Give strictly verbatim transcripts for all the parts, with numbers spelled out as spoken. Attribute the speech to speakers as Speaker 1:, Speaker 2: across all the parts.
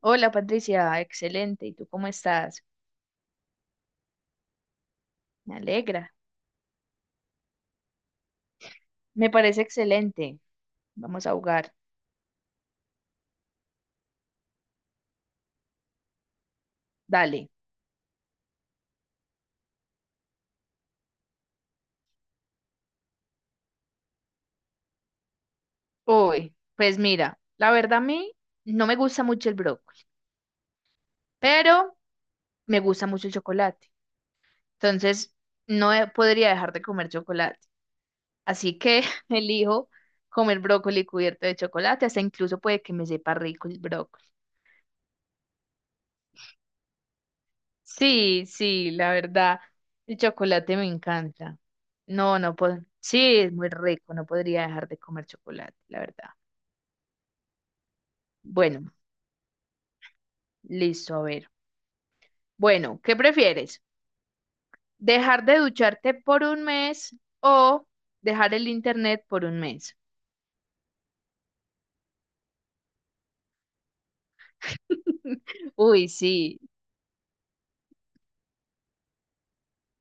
Speaker 1: Hola Patricia, excelente. ¿Y tú cómo estás? Me alegra. Me parece excelente. Vamos a jugar. Dale. Hoy, pues mira, la verdad a mí no me gusta mucho el brócoli, pero me gusta mucho el chocolate. Entonces, no he- podría dejar de comer chocolate. Así que elijo comer brócoli cubierto de chocolate. Hasta incluso puede que me sepa rico el brócoli. Sí, sí, la verdad, el chocolate me encanta. No, no puedo. Sí, es muy rico, no podría dejar de comer chocolate, la verdad. Bueno, listo, a ver. Bueno, ¿qué prefieres? ¿Dejar de ducharte por un mes o dejar el internet por un mes? Uy, sí.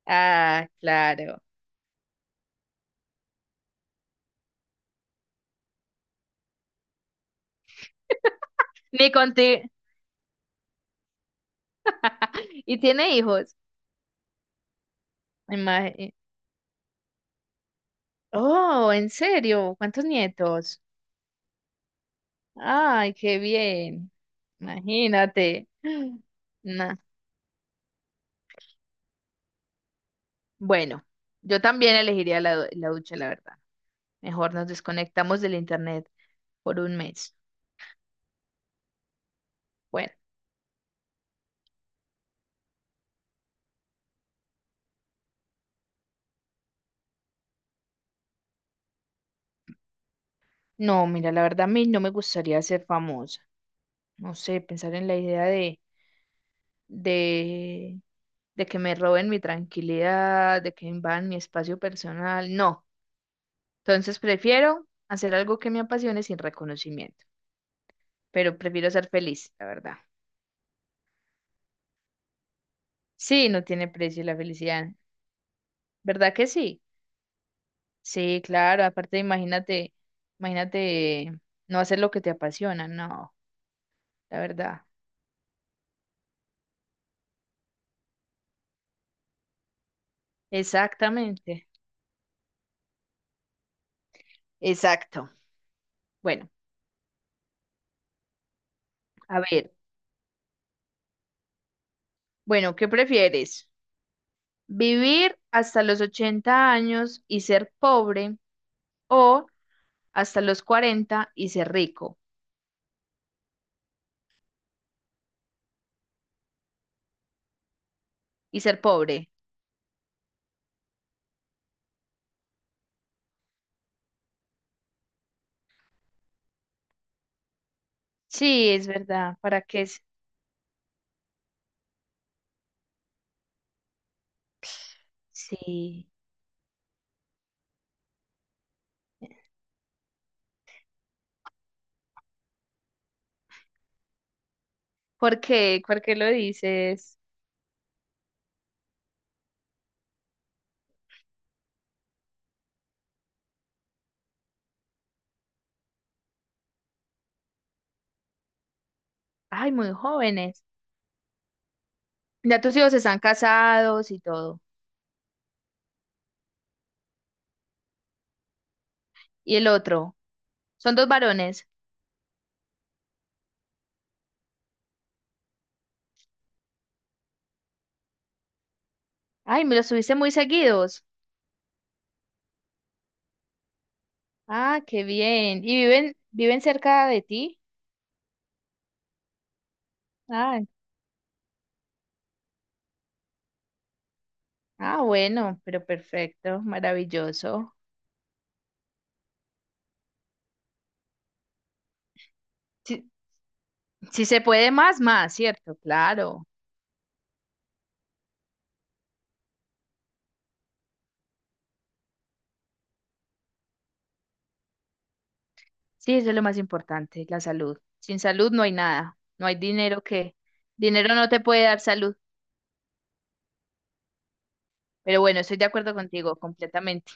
Speaker 1: Ah, claro. Ni contigo. ¿Y tiene hijos? Ima- eh, Oh, ¿en serio? ¿Cuántos nietos? Ay, qué bien. Imagínate. Nah. Bueno, yo también elegiría la, du- la ducha, la verdad. Mejor nos desconectamos del internet por un mes. Bueno, no, mira, la verdad a mí no me gustaría ser famosa. No sé, pensar en la idea de, de, de que me roben mi tranquilidad, de que invadan mi espacio personal. No. Entonces prefiero hacer algo que me apasione sin reconocimiento, pero prefiero ser feliz, la verdad. Sí, no tiene precio la felicidad. ¿Verdad que sí? Sí, claro. Aparte, imagínate, imagínate no hacer lo que te apasiona. No, la verdad. Exactamente. Exacto. Bueno, a ver. Bueno, ¿qué prefieres? ¿Vivir hasta los ochenta años y ser pobre o hasta los cuarenta y ser rico y ser pobre? Sí, es verdad. ¿Para qué? es- Sí. ¿Por qué? ¿Por qué lo dices? Ay, muy jóvenes. Ya tus hijos están casados y todo. ¿Y el otro? Son dos varones. Ay, me los tuviste muy seguidos. Ah, qué bien. ¿Y viven, viven cerca de ti? Ah, ah, bueno, pero perfecto, maravilloso. Si, si se puede más, más, ¿cierto? Claro. Sí, eso es lo más importante, la salud. Sin salud no hay nada. No hay dinero que... Dinero no te puede dar salud. Pero bueno, estoy de acuerdo contigo completamente.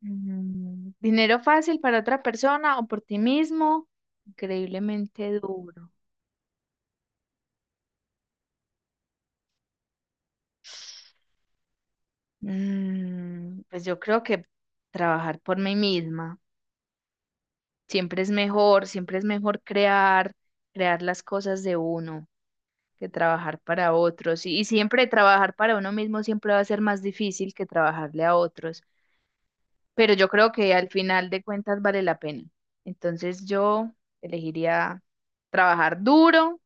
Speaker 1: Mm, dinero fácil para otra persona o por ti mismo, increíblemente duro. Mm, pues yo creo que trabajar por mí misma siempre es mejor, siempre es mejor crear, crear las cosas de uno que trabajar para otros. Y, y siempre trabajar para uno mismo siempre va a ser más difícil que trabajarle a otros. Pero yo creo que al final de cuentas vale la pena. Entonces yo elegiría trabajar duro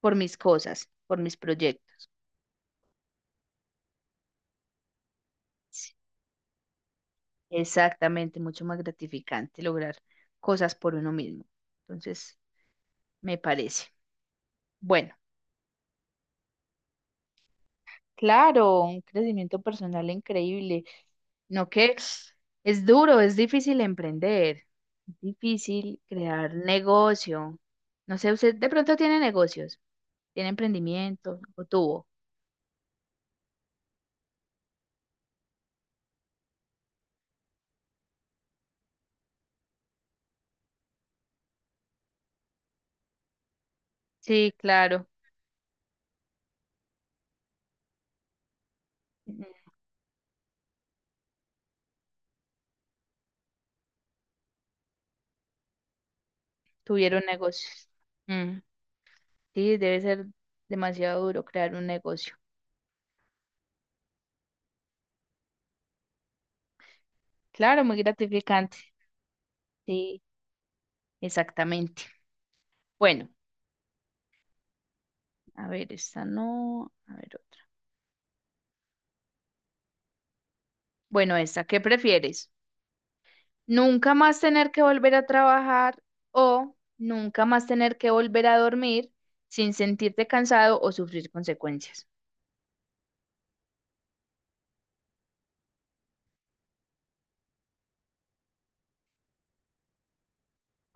Speaker 1: por mis cosas, por mis proyectos. Sí, exactamente, mucho más gratificante lograr cosas por uno mismo. Entonces, me parece. Bueno, claro, un crecimiento personal increíble. No que es duro, es difícil emprender, es difícil crear negocio. No sé, usted de pronto tiene negocios, tiene emprendimiento o tuvo. Sí, claro. Ujú. Tuvieron negocios. Mm. Sí, debe ser demasiado duro crear un negocio. Claro, muy gratificante. Sí, exactamente. Bueno, a ver, esta no, a ver otra. Bueno, esta, ¿qué prefieres? ¿Nunca más tener que volver a trabajar o nunca más tener que volver a dormir sin sentirte cansado o sufrir consecuencias?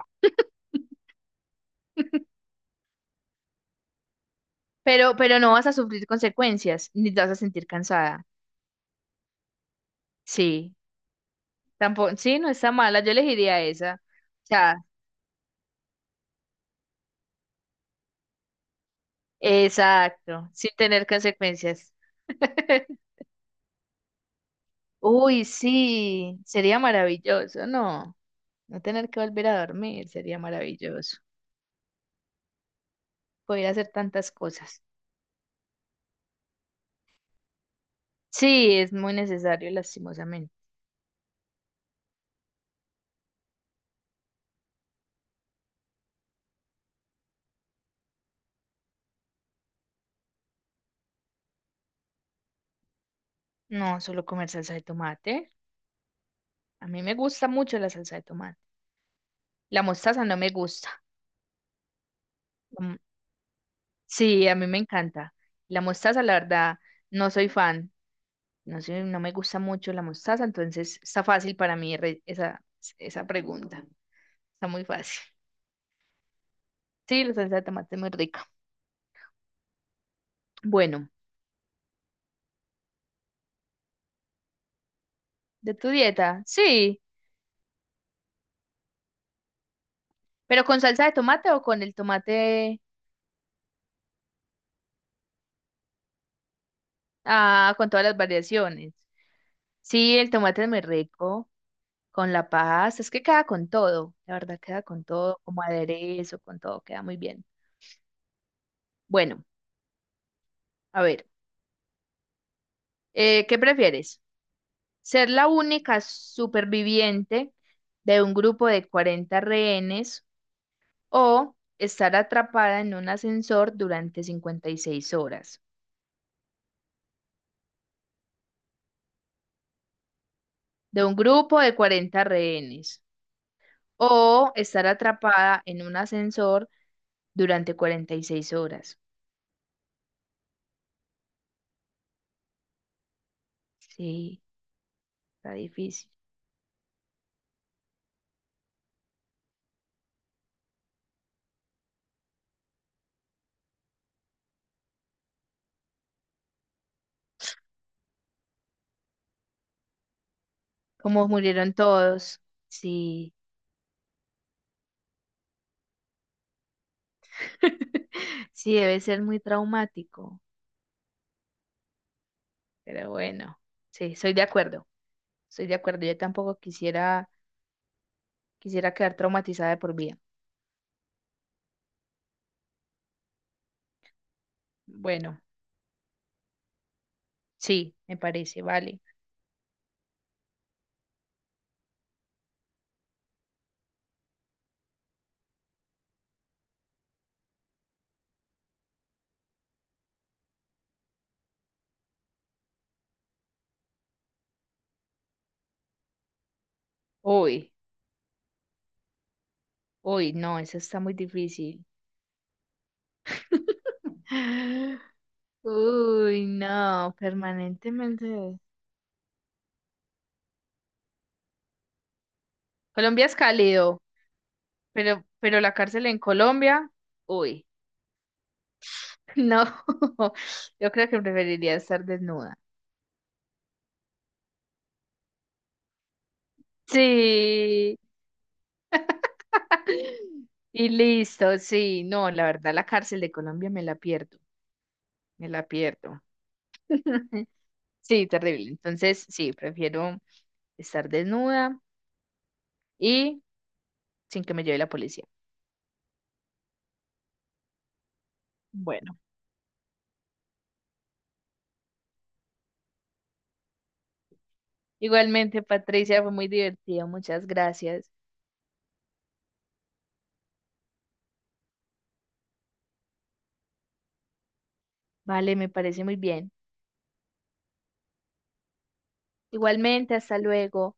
Speaker 1: Pero, pero no vas a sufrir consecuencias, ni te vas a sentir cansada. Sí, tampoco, sí, no está mala, yo elegiría esa. O sea, exacto, sin tener consecuencias. Uy, sí, sería maravilloso, no, no tener que volver a dormir, sería maravilloso. Poder hacer tantas cosas. Sí, es muy necesario, lastimosamente. No, solo comer salsa de tomate. A mí me gusta mucho la salsa de tomate. La mostaza no me gusta. Mm, sí, a mí me encanta. La mostaza, la verdad, no soy fan. No sé, no me gusta mucho la mostaza, entonces está fácil para mí re- esa, esa pregunta. Está muy fácil. Sí, la salsa de tomate es muy rica. Bueno, de tu dieta, sí, pero ¿con salsa de tomate o con el tomate, ah, con todas las variaciones? Sí, el tomate es muy rico, con la pasta, es que queda con todo, la verdad queda con todo, como aderezo, con todo, queda muy bien. Bueno, a ver, eh, ¿qué prefieres? ¿Ser la única superviviente de un grupo de cuarenta rehenes o estar atrapada en un ascensor durante cincuenta y seis horas? De un grupo de cuarenta rehenes o estar atrapada en un ascensor durante cuarenta y seis horas. Sí, está difícil. Como murieron todos. Sí, sí, debe ser muy traumático. Pero bueno, sí, soy de acuerdo. Soy de acuerdo. Yo tampoco quisiera. Quisiera quedar traumatizada de por vida. Bueno, sí, me parece, vale. Uy, uy, no, eso está muy difícil. Uy, no, permanentemente. Colombia es cálido, pero, pero la cárcel en Colombia, uy, no, yo creo que preferiría estar desnuda. Sí, y listo, sí, no, la verdad, la cárcel de Colombia me la pierdo, me la pierdo. Sí, terrible. Entonces, sí, prefiero estar desnuda y sin que me lleve la policía. Bueno, igualmente, Patricia, fue muy divertido. Muchas gracias. Vale, me parece muy bien. Igualmente, hasta luego.